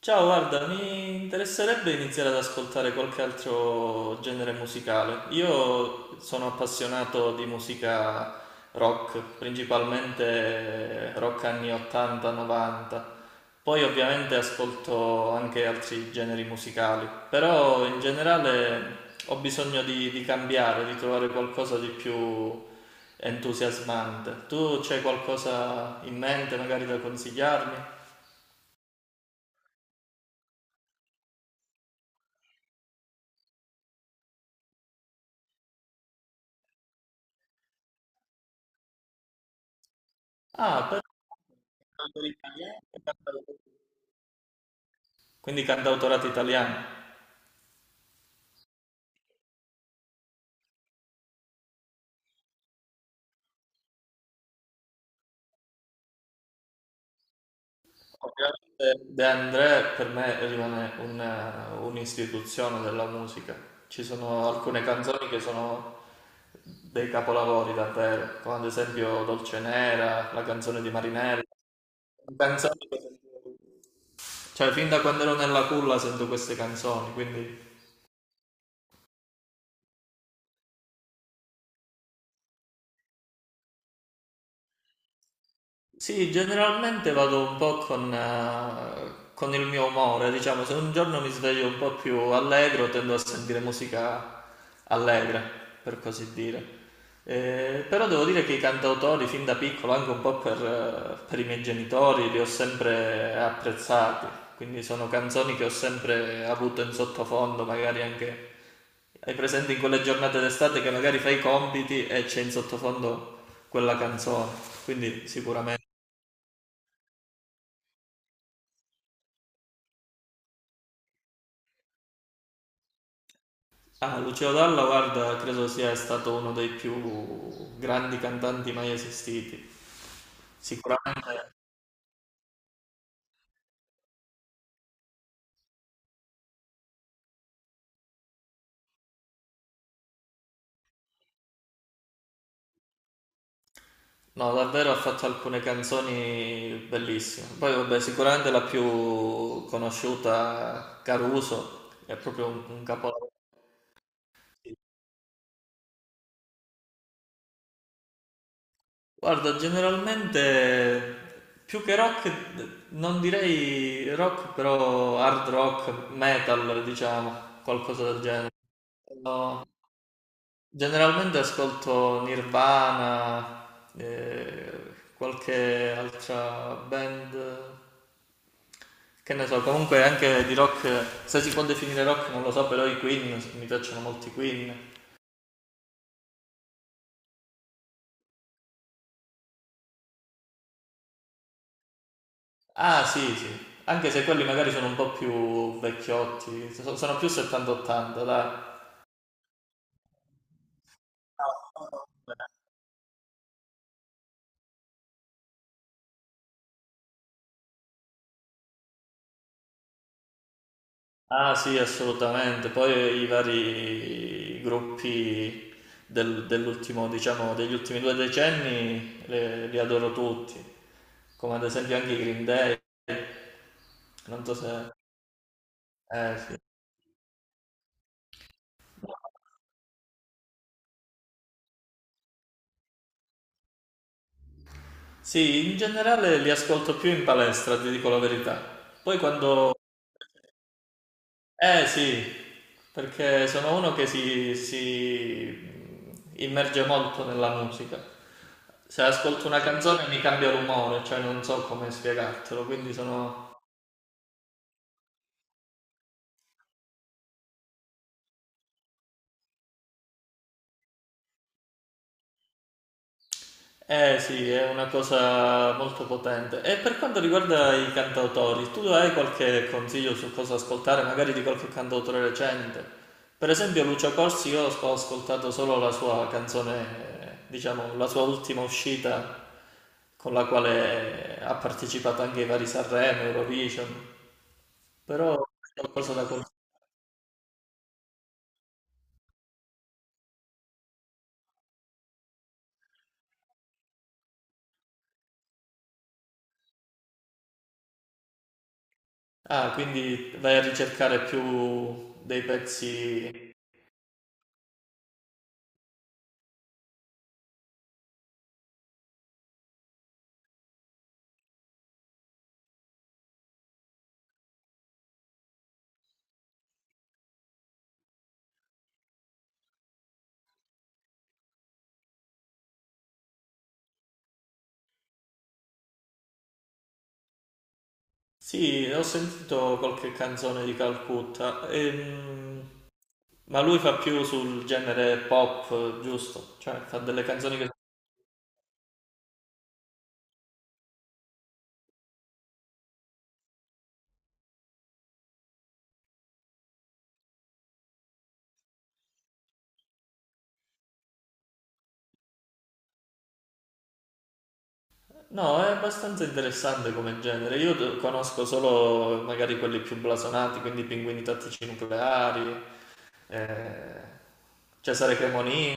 Ciao, guarda, mi interesserebbe iniziare ad ascoltare qualche altro genere musicale. Io sono appassionato di musica rock, principalmente rock anni 80-90. Poi ovviamente ascolto anche altri generi musicali, però in generale ho bisogno di cambiare, di trovare qualcosa di più entusiasmante. Tu c'hai qualcosa in mente magari da consigliarmi? Ah, però cantautore italiano e quindi cantautorato italiano. Ovviamente De André per me rimane un'istituzione della musica. Ci sono alcune canzoni che sono dei capolavori davvero, come ad esempio Dolce Nera, la canzone di Marinello. Canzoni che sentivo- Cioè, fin da quando ero nella culla sento queste canzoni, quindi sì, generalmente vado un po' con il mio umore, diciamo, se un giorno mi sveglio un po' più allegro, tendo a sentire musica allegra, per così dire. Però devo dire che i cantautori, fin da piccolo, anche un po' per i miei genitori, li ho sempre apprezzati, quindi sono canzoni che ho sempre avuto in sottofondo, magari anche hai presente in quelle giornate d'estate che magari fai i compiti e c'è in sottofondo quella canzone, quindi sicuramente. Ah, Lucio Dalla, guarda, credo sia stato uno dei più grandi cantanti mai esistiti. Sicuramente, no, davvero ha fatto alcune canzoni bellissime. Poi, vabbè, sicuramente la più conosciuta, Caruso, è proprio un capolavoro. Guarda, generalmente più che rock, non direi rock, però hard rock, metal, diciamo, qualcosa del genere. No. Generalmente ascolto Nirvana, qualche altra band, che ne so, comunque anche di rock, se si può definire rock non lo so, però i Queen, mi piacciono molti Queen. Ah, sì, sì, anche se quelli magari sono un po' più vecchiotti, sono più 70-80, dai. Ah, sì, assolutamente. Poi i vari gruppi dell'ultimo, diciamo, degli ultimi due decenni li adoro tutti, come ad esempio anche i Green Day. Non so se... sì. Sì, in generale li ascolto più in palestra, ti dico la verità. Poi quando... Eh sì, perché sono uno che si immerge molto nella musica. Se ascolto una canzone mi cambia l'umore, cioè non so come spiegartelo, quindi sono... Eh sì, è una cosa molto potente. E per quanto riguarda i cantautori, tu hai qualche consiglio su cosa ascoltare, magari di qualche cantautore recente? Per esempio Lucio Corsi, io ho ascoltato solo la sua canzone, diciamo, la sua ultima uscita con la quale ha partecipato anche ai vari Sanremo, Eurovision, però è qualcosa ah, quindi vai a ricercare più dei pezzi. Sì, ho sentito qualche canzone di Calcutta, ma lui fa più sul genere pop, giusto? Cioè fa delle canzoni che... so. No, è abbastanza interessante come genere. Io conosco solo magari quelli più blasonati, quindi Pinguini Tattici Nucleari, eh, Cesare Cremonini.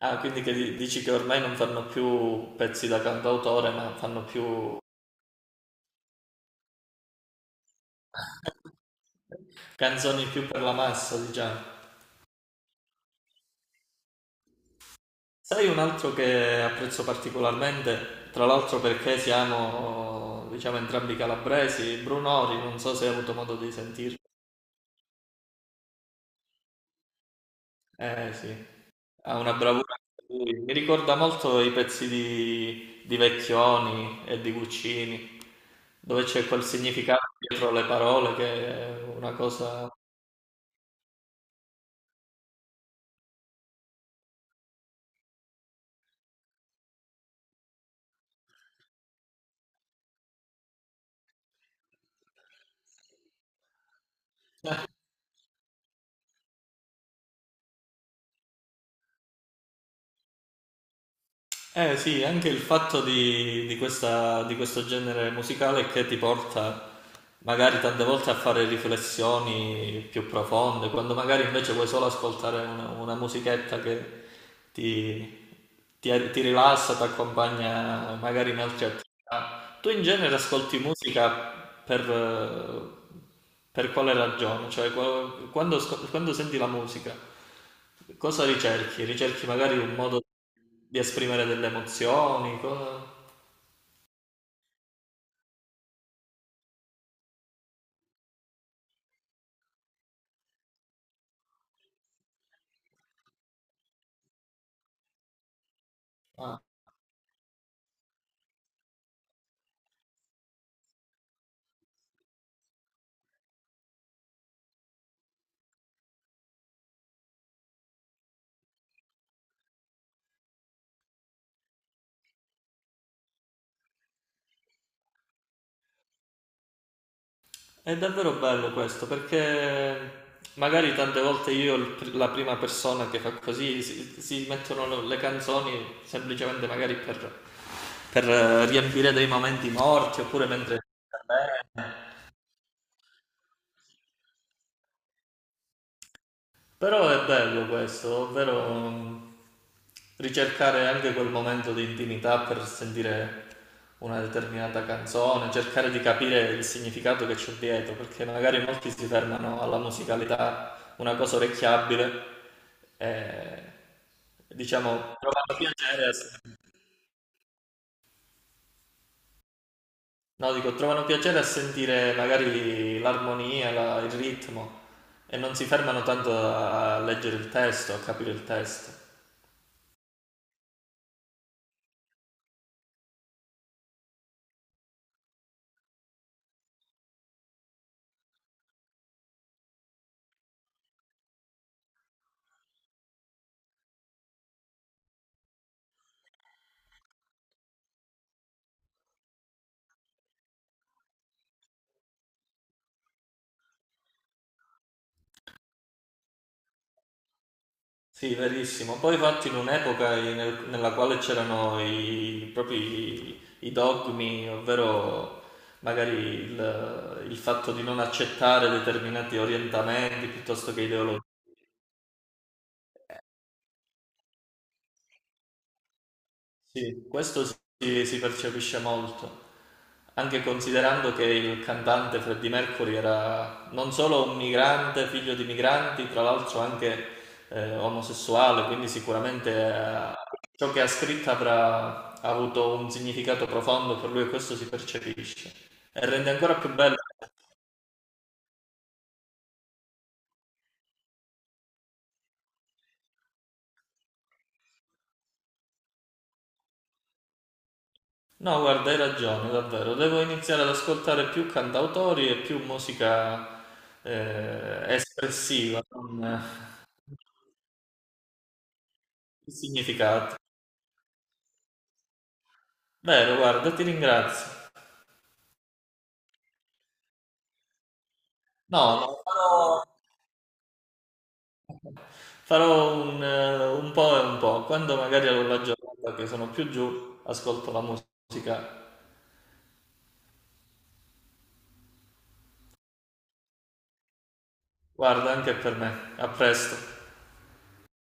Ah, quindi che dici che ormai non fanno più pezzi da cantautore, ma fanno più canzoni più per la massa, diciamo. Sai un altro che apprezzo particolarmente, tra l'altro perché siamo, diciamo, entrambi calabresi, Bruno Ori, non so se hai avuto modo di sentirlo. Eh sì, ha una bravura anche lui. Mi ricorda molto i pezzi di Vecchioni e di Guccini, dove c'è quel significato dietro le parole che è una cosa. Eh sì, anche il fatto di questo genere musicale che ti porta magari tante volte a fare riflessioni più profonde, quando magari invece vuoi solo ascoltare una musichetta che ti, ti rilassa, ti accompagna magari in altre attività. Tu in genere ascolti musica per, eh, per quale ragione? Cioè, quando senti la musica, cosa ricerchi? Ricerchi magari un modo di esprimere delle emozioni? Cosa... ah, è davvero bello questo perché magari tante volte io, la prima persona che fa così, si mettono le canzoni semplicemente magari per, riempire dei momenti morti oppure mentre... Però è bello questo, ovvero mm, ricercare anche quel momento di intimità per sentire una determinata canzone, cercare di capire il significato che c'è dietro, perché magari molti si fermano alla musicalità, una cosa orecchiabile, e diciamo trovano no, dico, trovano piacere a sentire magari l'armonia, il ritmo, e non si fermano tanto a leggere il testo, a capire il testo. Sì, verissimo. Poi infatti in un'epoca nella quale c'erano i, proprio i dogmi, ovvero magari il fatto di non accettare determinati orientamenti piuttosto che ideologie. Questo si percepisce molto, anche considerando che il cantante Freddie Mercury era non solo un migrante, figlio di migranti, tra l'altro anche omosessuale, quindi sicuramente ciò che ha scritto avrà ha avuto un significato profondo per lui e questo si percepisce. E rende ancora più bello. No, guarda, hai ragione, davvero. Devo iniziare ad ascoltare più cantautori e più musica espressiva, con significato. Vero, guarda, ti ringrazio. No, no, farò un po' e un po'. Quando magari ho la giornata che sono più giù, ascolto la musica. Guarda, anche per me. A presto.